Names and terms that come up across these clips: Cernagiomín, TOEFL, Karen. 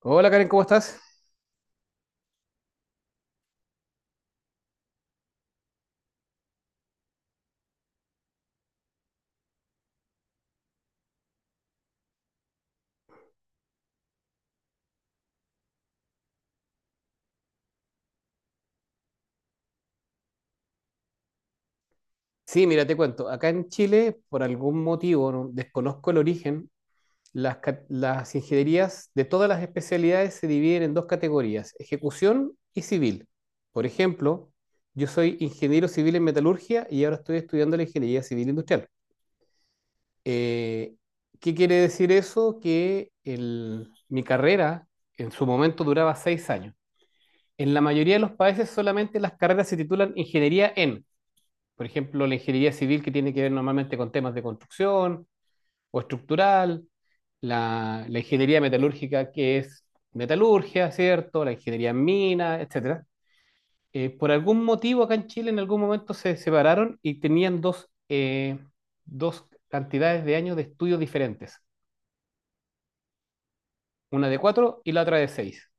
Hola Karen, ¿cómo estás? Sí, mira, te cuento. Acá en Chile, por algún motivo, desconozco el origen, las ingenierías de todas las especialidades se dividen en dos categorías, ejecución y civil. Por ejemplo, yo soy ingeniero civil en metalurgia y ahora estoy estudiando la ingeniería civil industrial. Eh, ¿qué quiere decir eso? Que mi carrera en su momento duraba 6 años. En la mayoría de los países solamente las carreras se titulan ingeniería en. Por ejemplo, la ingeniería civil que tiene que ver normalmente con temas de construcción o estructural, la ingeniería metalúrgica que es metalurgia, ¿cierto? La ingeniería en mina, etcétera. Por algún motivo acá en Chile en algún momento se separaron y tenían dos cantidades de años de estudios diferentes, una de cuatro y la otra de seis.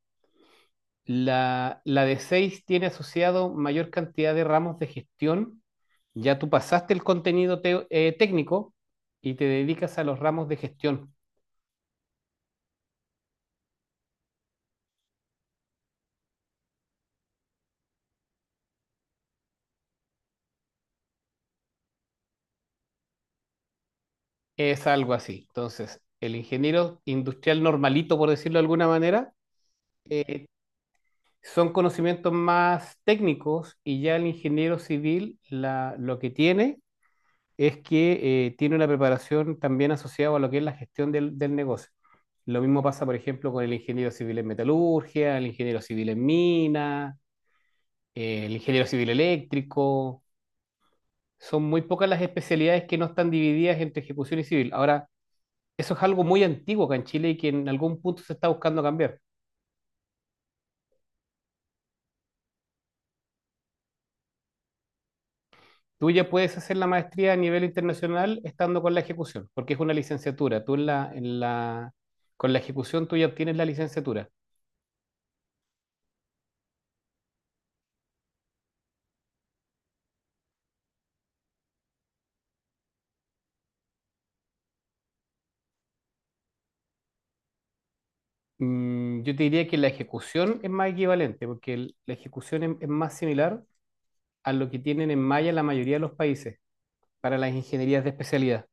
La de 6 tiene asociado mayor cantidad de ramos de gestión. Ya tú pasaste el contenido técnico y te dedicas a los ramos de gestión. Es algo así. Entonces, el ingeniero industrial normalito, por decirlo de alguna manera, eh, son conocimientos más técnicos y ya el ingeniero civil lo que tiene es que tiene una preparación también asociada a lo que es la gestión del negocio. Lo mismo pasa, por ejemplo, con el ingeniero civil en metalurgia, el ingeniero civil en mina, el ingeniero civil eléctrico. Son muy pocas las especialidades que no están divididas entre ejecución y civil. Ahora, eso es algo muy antiguo acá en Chile y que en algún punto se está buscando cambiar. Tú ya puedes hacer la maestría a nivel internacional estando con la ejecución, porque es una licenciatura. Tú con la ejecución tú ya obtienes la licenciatura. Yo te diría que la ejecución es más equivalente, porque la ejecución es más similar a lo que tienen en Maya la mayoría de los países para las ingenierías de especialidad.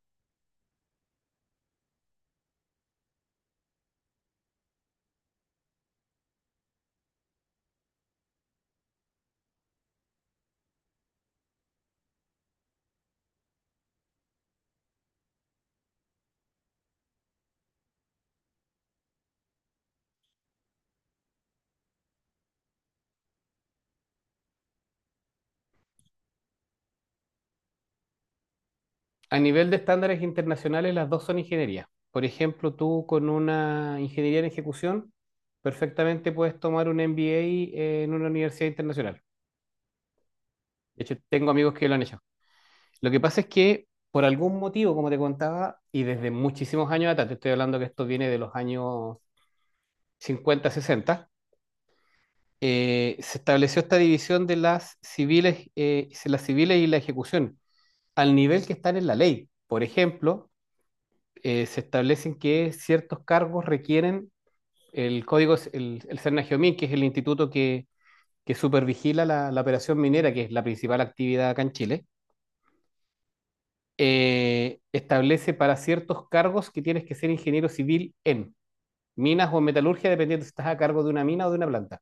A nivel de estándares internacionales, las dos son ingenierías. Por ejemplo, tú con una ingeniería en ejecución, perfectamente puedes tomar un MBA en una universidad internacional. De hecho, tengo amigos que lo han hecho. Lo que pasa es que, por algún motivo, como te contaba, y desde muchísimos años atrás, te estoy hablando que esto viene de los años 50 sesenta, se estableció esta división de las civiles, las civiles y la ejecución al nivel que están en la ley. Por ejemplo, se establecen que ciertos cargos requieren el código, el Cernagiomín, que es el instituto que supervigila la operación minera, que es la principal actividad acá en Chile, establece para ciertos cargos que tienes que ser ingeniero civil en minas o en metalurgia, dependiendo si estás a cargo de una mina o de una planta.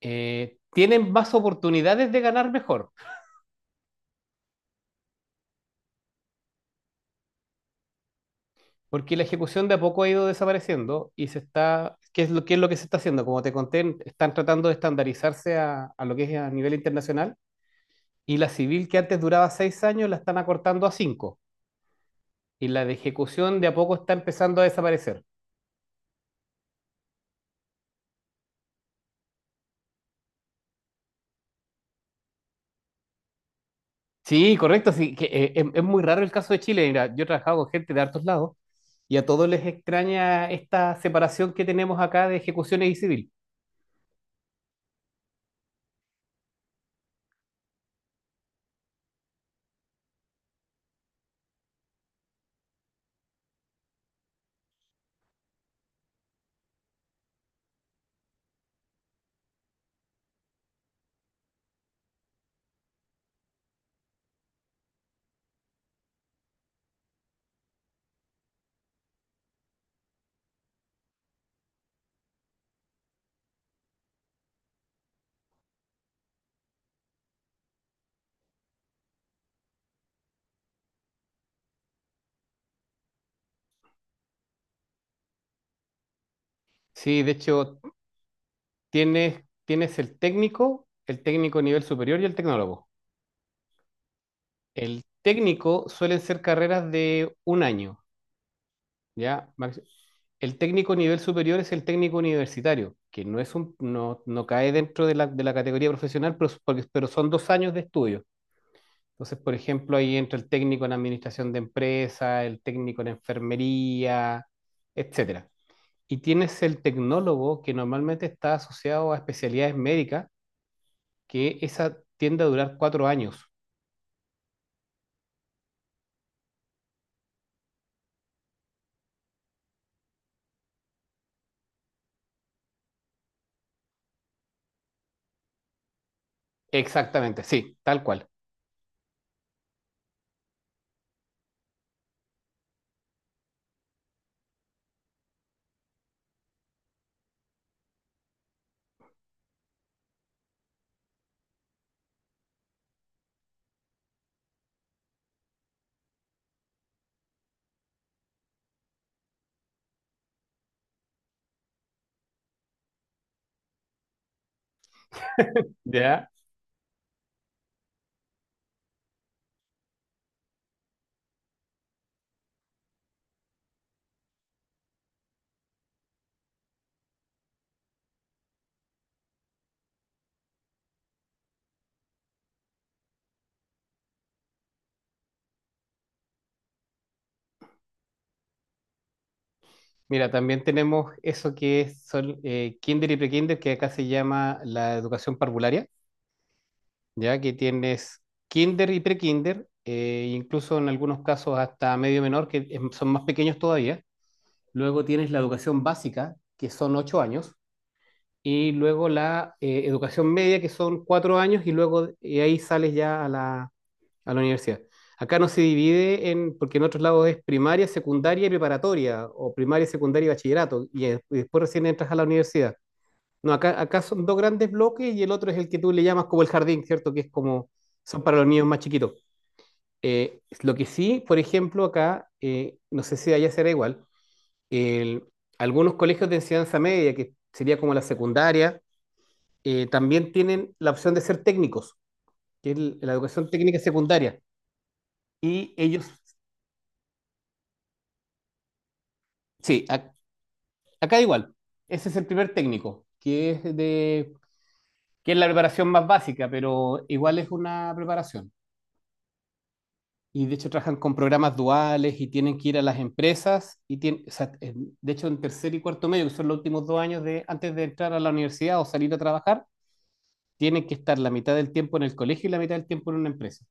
Tienen más oportunidades de ganar mejor, porque la ejecución de a poco ha ido desapareciendo y se está, ¿qué es lo que se está haciendo? Como te conté, están tratando de estandarizarse a lo que es a nivel internacional, y la civil que antes duraba 6 años la están acortando a cinco, y la de ejecución de a poco está empezando a desaparecer. Sí, correcto, sí, es muy raro el caso de Chile. Mira, yo he trabajado con gente de hartos lados y a todos les extraña esta separación que tenemos acá de ejecuciones y civil. Sí, de hecho, tienes el técnico nivel superior y el tecnólogo. El técnico suelen ser carreras de un año, ¿ya? El técnico nivel superior es el técnico universitario, que no cae dentro de la categoría profesional, pero son 2 años de estudio. Entonces, por ejemplo, ahí entra el técnico en administración de empresa, el técnico en enfermería, etcétera. Y tienes el tecnólogo, que normalmente está asociado a especialidades médicas, que esa tiende a durar 4 años. Exactamente, sí, tal cual. ¿Ya? Mira, también tenemos eso que son kinder y prekinder, que acá se llama la educación parvularia, ya que tienes kinder y prekinder, incluso en algunos casos hasta medio menor, que son más pequeños todavía. Luego tienes la educación básica, que son 8 años, y luego la educación media, que son 4 años, y luego de ahí sales ya a la universidad. Acá no se divide en, porque en otros lados es primaria, secundaria y preparatoria, o primaria, secundaria y bachillerato, y después recién entras a la universidad. No, acá son dos grandes bloques y el otro es el que tú le llamas como el jardín, ¿cierto? Que es como, son para los niños más chiquitos. Lo que sí, por ejemplo, acá, no sé si allá será igual, el- algunos colegios de enseñanza media, que sería como la secundaria, también tienen la opción de ser técnicos, que es la educación técnica secundaria. Y ellos, sí, acá igual, ese es el primer técnico, que es la preparación más básica, pero igual es una preparación. Y de hecho trabajan con programas duales y tienen que ir a las empresas y tienen, o sea, de hecho en tercer y cuarto medio, que son los últimos 2 años antes de entrar a la universidad o salir a trabajar, tienen que estar la mitad del tiempo en el colegio y la mitad del tiempo en una empresa.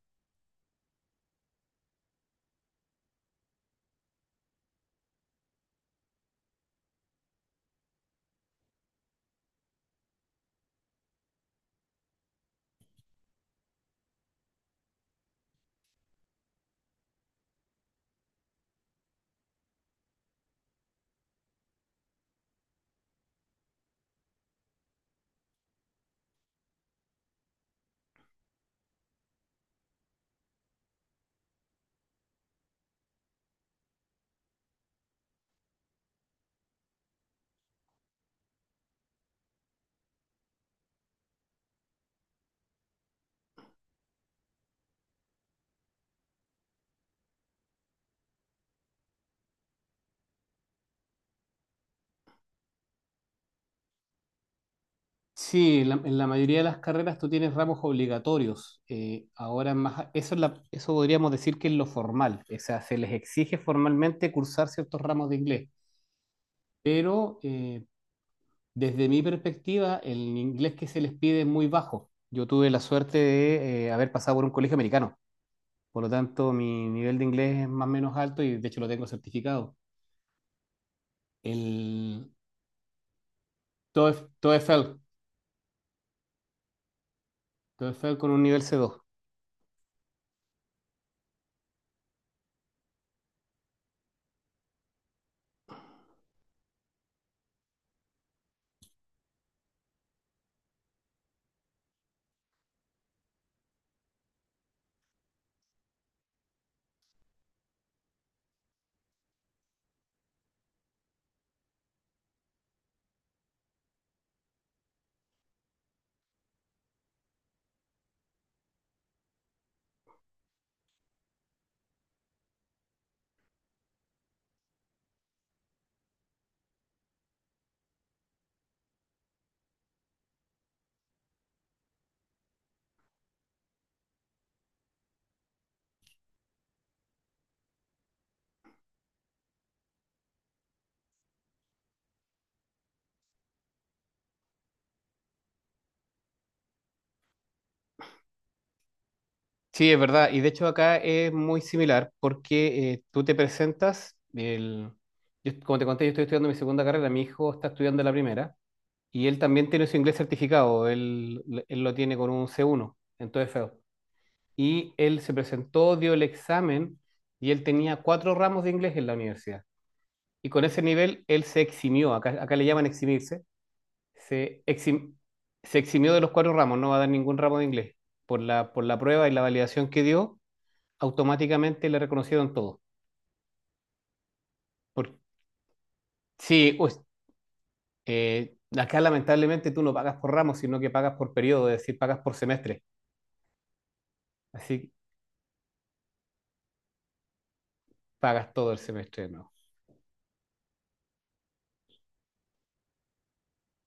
Sí, en la mayoría de las carreras tú tienes ramos obligatorios. Ahora más, eso podríamos decir que es lo formal. O sea, se les exige formalmente cursar ciertos ramos de inglés. Pero desde mi perspectiva, el inglés que se les pide es muy bajo. Yo tuve la suerte de haber pasado por un colegio americano. Por lo tanto, mi nivel de inglés es más o menos alto y de hecho lo tengo certificado. El TOEFL, TOEFL, TOEFL con un nivel C2. Sí, es verdad. Y de hecho acá es muy similar porque tú te presentas, como te conté, yo estoy estudiando mi segunda carrera, mi hijo está estudiando la primera y él también tiene su inglés certificado, él lo tiene con un C1 en todo feo. Y él se presentó, dio el examen y él tenía cuatro ramos de inglés en la universidad. Y con ese nivel él se eximió, acá le llaman eximirse, se, exim- se eximió de los cuatro ramos, no va a dar ningún ramo de inglés por la prueba y la validación que dio, automáticamente le reconocieron todo. Por, sí, pues, acá lamentablemente tú no pagas por ramos, sino que pagas por periodo, es decir, pagas por semestre. Así que pagas todo el semestre, ¿no?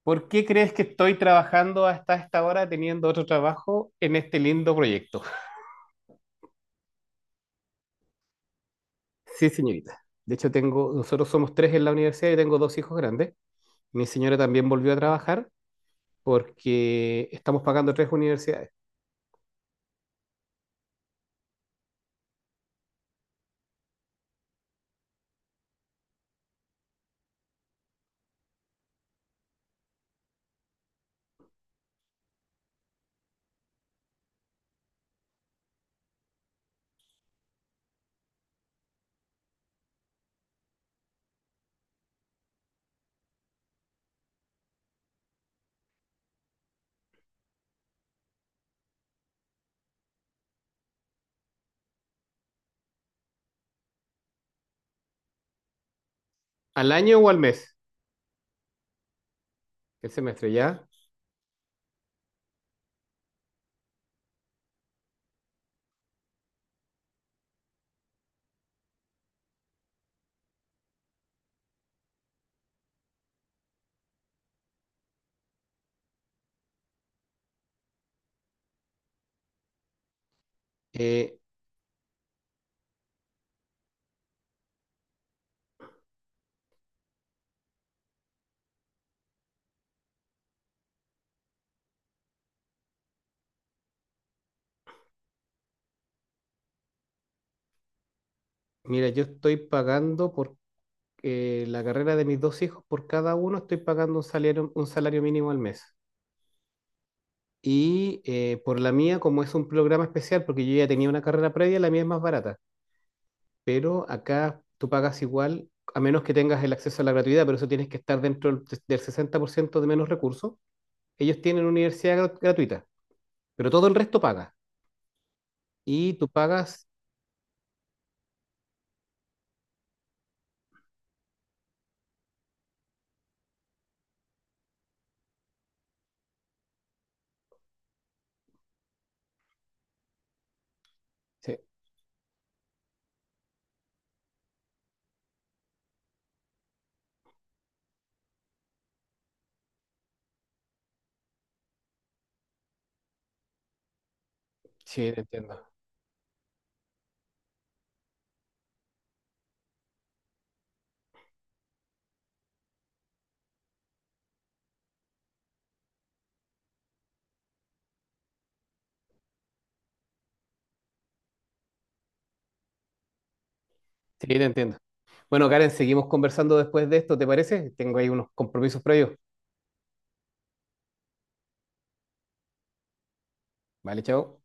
¿Por qué crees que estoy trabajando hasta esta hora teniendo otro trabajo en este lindo proyecto? Sí, señorita. De hecho, nosotros somos tres en la universidad y tengo dos hijos grandes. Mi señora también volvió a trabajar porque estamos pagando tres universidades. ¿Al año o al mes? El semestre, ¿ya? Eh, Mira, yo estoy pagando por la carrera de mis dos hijos, por cada uno estoy pagando un salario mínimo al mes. Y por la mía, como es un programa especial, porque yo ya tenía una carrera previa, la mía es más barata. Pero acá tú pagas igual, a menos que tengas el acceso a la gratuidad, pero eso tienes que estar dentro del 60% de menos recursos. Ellos tienen universidad gratuita, pero todo el resto paga. Y tú pagas... Sí, sí, te entiendo. Sí, te entiendo. Bueno, Karen, seguimos conversando después de esto, ¿te parece? Tengo ahí unos compromisos previos. Vale, chao.